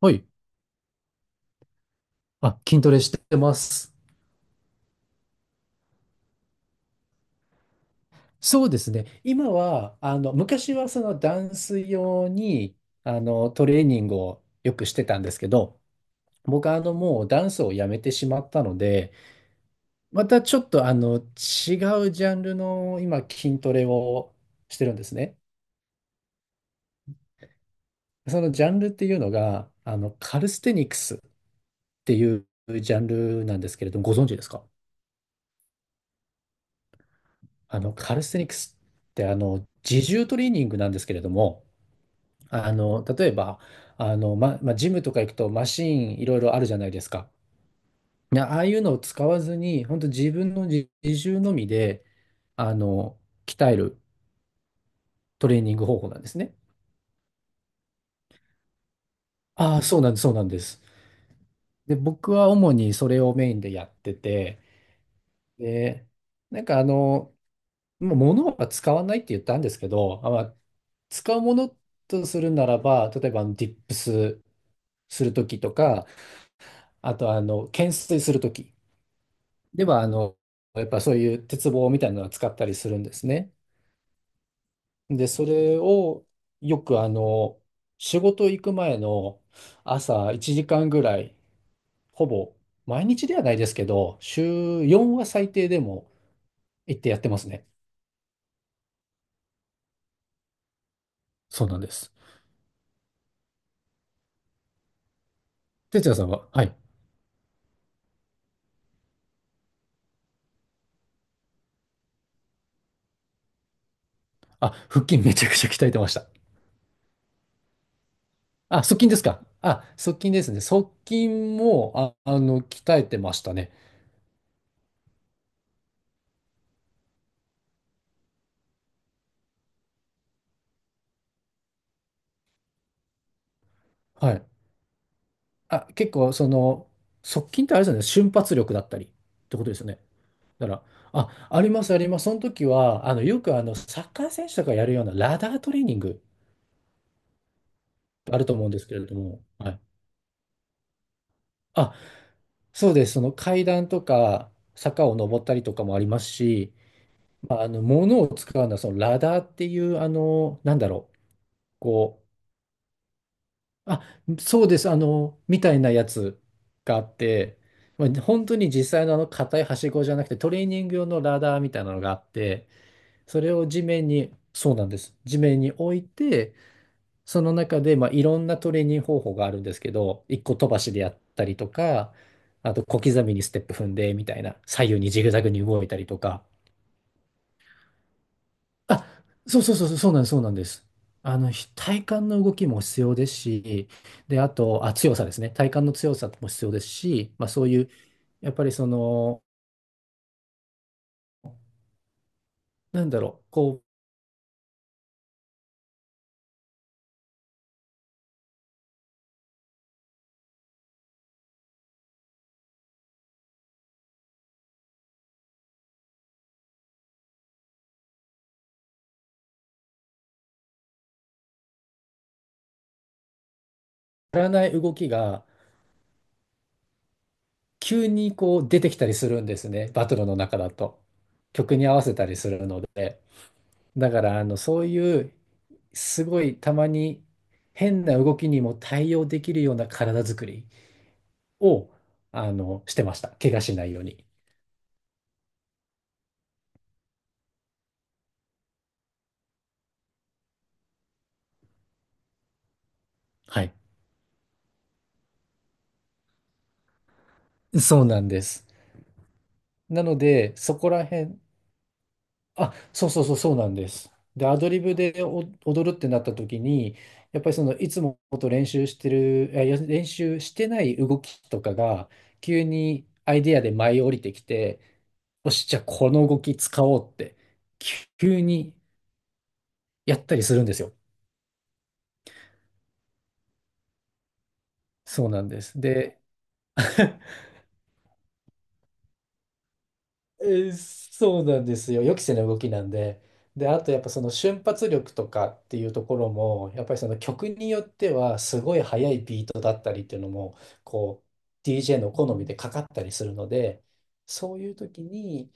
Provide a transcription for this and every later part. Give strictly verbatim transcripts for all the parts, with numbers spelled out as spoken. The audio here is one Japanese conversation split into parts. はい。あ、筋トレしてます。そうですね。今は、あの、昔はそのダンス用に、あの、トレーニングをよくしてたんですけど、僕はあの、もうダンスをやめてしまったので、またちょっとあの、違うジャンルの今、筋トレをしてるんですね。そのジャンルっていうのが、あの、カルステニクスっていうジャンルなんですけれども、ご存知ですか？あの、カルステニクスってあの、自重トレーニングなんですけれども、あの、例えば、あの、ま、まあ、ジムとか行くとマシーンいろいろあるじゃないですか。いや、ああいうのを使わずに、本当自分の自自重のみで、あの、鍛えるトレーニング方法なんですね。ああ、そうなんです、そうなんです。で、僕は主にそれをメインでやってて、で、なんかあの、もう物は使わないって言ったんですけど、あ、まあ、使うものとするならば、例えばあのディップスするときとか、あとあの、懸垂するとき。では、あの、やっぱそういう鉄棒みたいなのを使ったりするんですね。で、それをよくあの、仕事行く前の朝いちじかんぐらい、ほぼ毎日ではないですけど、週よんは最低でも行ってやってますね。そうなんです。哲也さんは、はい。あ、腹筋めちゃくちゃ鍛えてました。あ、側筋ですか？あ、側筋ですね。側筋も、あ、あの、鍛えてましたね。はい。あ、結構、その、側近ってあれですよね、瞬発力だったりってことですよね。だから、あ、あります、あります。その時は、あの、よくあの、サッカー選手とかやるようなラダートレーニングあると思うんですけれども、はい。あ、そうです。その階段とか、坂を登ったりとかもありますし、まあ、あの、物を使うのは、そのラダーっていう、あの、なんだろう、こう、あ、そうです。あの、みたいなやつがあって、まあ本当に実際のあの硬いはしごじゃなくてトレーニング用のラダーみたいなのがあって、それを地面に、そうなんです。地面に置いて、その中で、まあ、いろんなトレーニング方法があるんですけど、一個飛ばしでやったりとか、あと小刻みにステップ踏んでみたいな、左右にジグザグに動いたりとか、あ、そうそうそうそう、そうなんです、そうなんです。あの、ひ体幹の動きも必要ですし、で、あと、あ、強さですね。体幹の強さも必要ですし、まあそういう、やっぱりその、なんだろう、こう、やらない動きが急にこう出てきたりするんですね。バトルの中だと。曲に合わせたりするので。だから、あの、そういう、すごいたまに変な動きにも対応できるような体作りを、あの、してました。怪我しないように。はい そうなんです。なので、そこら辺、あ、そうそうそう、そうなんです。で、アドリブでお踊るってなった時に、やっぱりその、いつもと練習してる、あいや、練習してない動きとかが、急にアイディアで舞い降りてきて、よし、じゃあこの動き使おうって、急にやったりするんですよ。そうなんです。で、えーそうなんですよ。予期せぬ動きなんで。で、あとやっぱその瞬発力とかっていうところも、やっぱりその曲によってはすごい速いビートだったりっていうのも、こう、ディージェー の好みでかかったりするので、そういう時に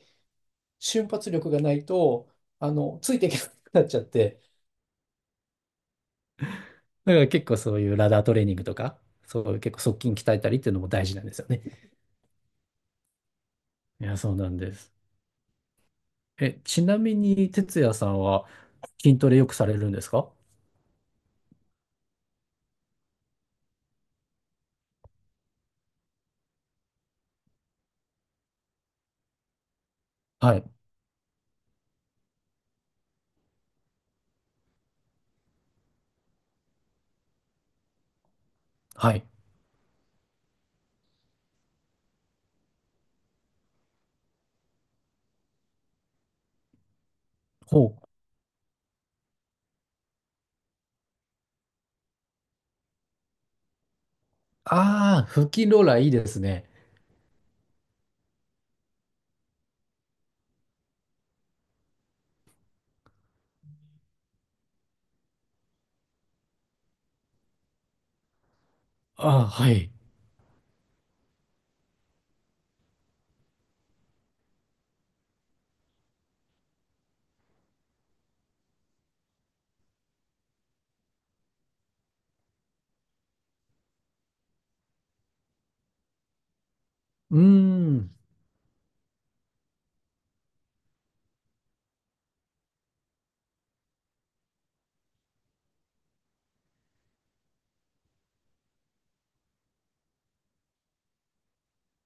瞬発力がないと、あの、ついていけなくなっちゃって、だから結構そういうラダートレーニングとか、そういう結構側筋鍛えたりっていうのも大事なんですよね。いや、そうなんです。え、ちなみに、哲也さんは筋トレよくされるんですか？はいはい。ほう。ああ、フキローラーいいですね。ああ、はい。うーん。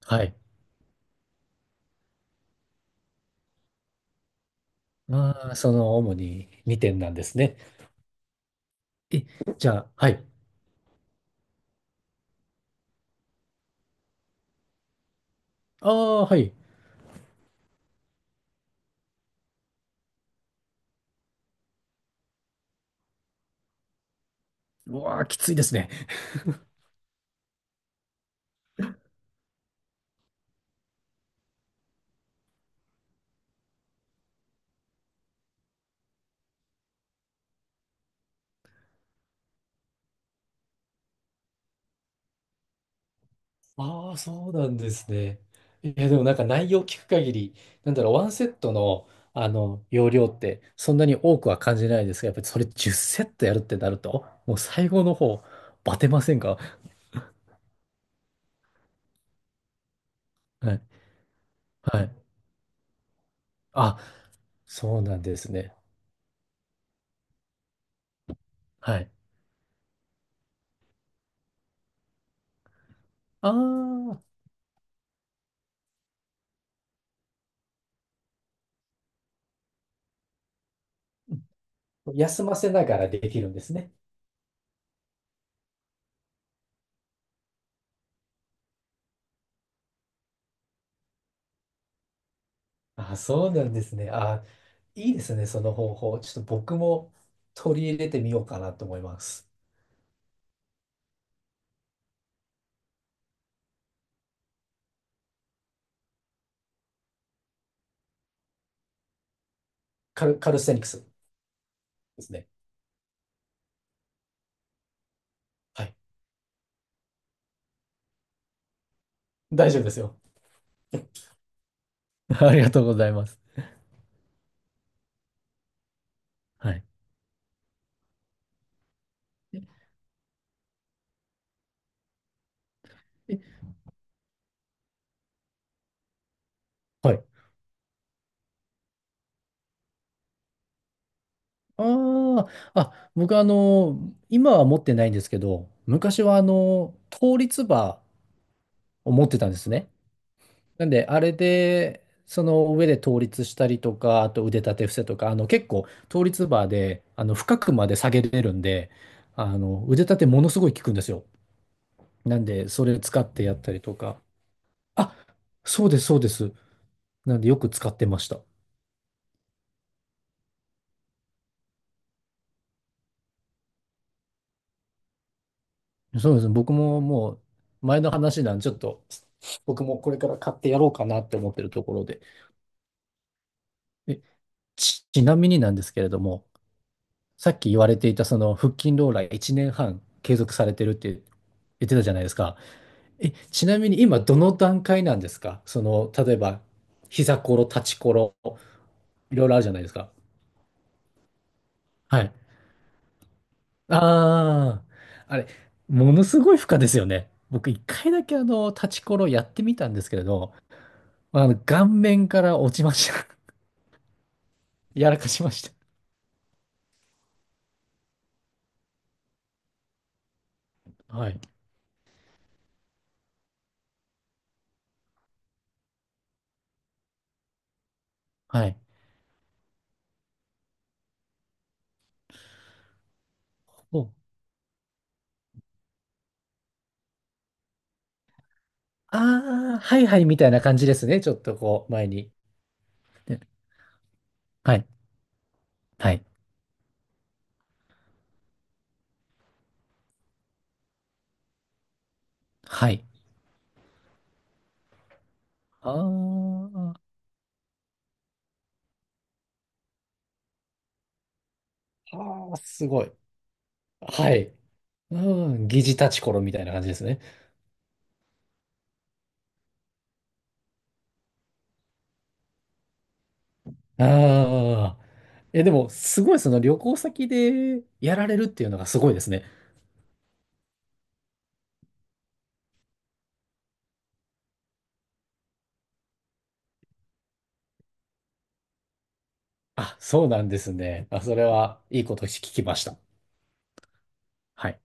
はい。ああ、その主ににてんなんですね。え、じゃあ、はい。ああ、はい。うわあ、きついですね。ああ、そうなんですね。いや、でもなんか内容聞く限り、なんだろう、ワンセットの、あの、容量ってそんなに多くは感じないですが、やっぱりそれじゅっセットやるってなると、もう最後の方、バテませんか？はい。はい。あ、そうなんですね。はい。ああ、休ませながらできるんですね。あ、そうなんですね。あ、いいですね、その方法。ちょっと僕も取り入れてみようかなと思います。カル、カルステニクスですね。はい。大丈夫ですよ。ありがとうございます。はい。ええはい。ああ、あ、僕あの、今は持ってないんですけど、昔はあの、倒立バーを持ってたんですね。なんで、あれで、その上で倒立したりとか、あと腕立て伏せとか、あの結構倒立バーで、あの深くまで下げれるんで、あの腕立てものすごい効くんですよ。なんで、それ使ってやったりとか。あ、そうです、そうです。なんでよく使ってました。そうですね。僕ももう前の話なんで、ちょっと僕もこれから買ってやろうかなって思ってるところで。え、ち、ちなみになんですけれども、さっき言われていたその腹筋ローラーいちねんはん継続されてるって言ってたじゃないですか。え、ちなみに今どの段階なんですか？その、例えば、膝ころ、立ちころ、いろいろあるじゃないですか。はい。ああ、あれ、ものすごい負荷ですよね。僕一回だけあの、立ちころやってみたんですけれど、まあの、顔面から落ちました。やらかしました。はい。はい。お、ああ、はいはいみたいな感じですね。ちょっとこう、前に。ではい。はい。はい。あーあー、あすごい。はい。うん、疑似立ちころみたいな感じですね。ああ。え、でも、すごい、その旅行先でやられるっていうのがすごいですね。あ、そうなんですね。あ、それは、いいこと聞きました。はい。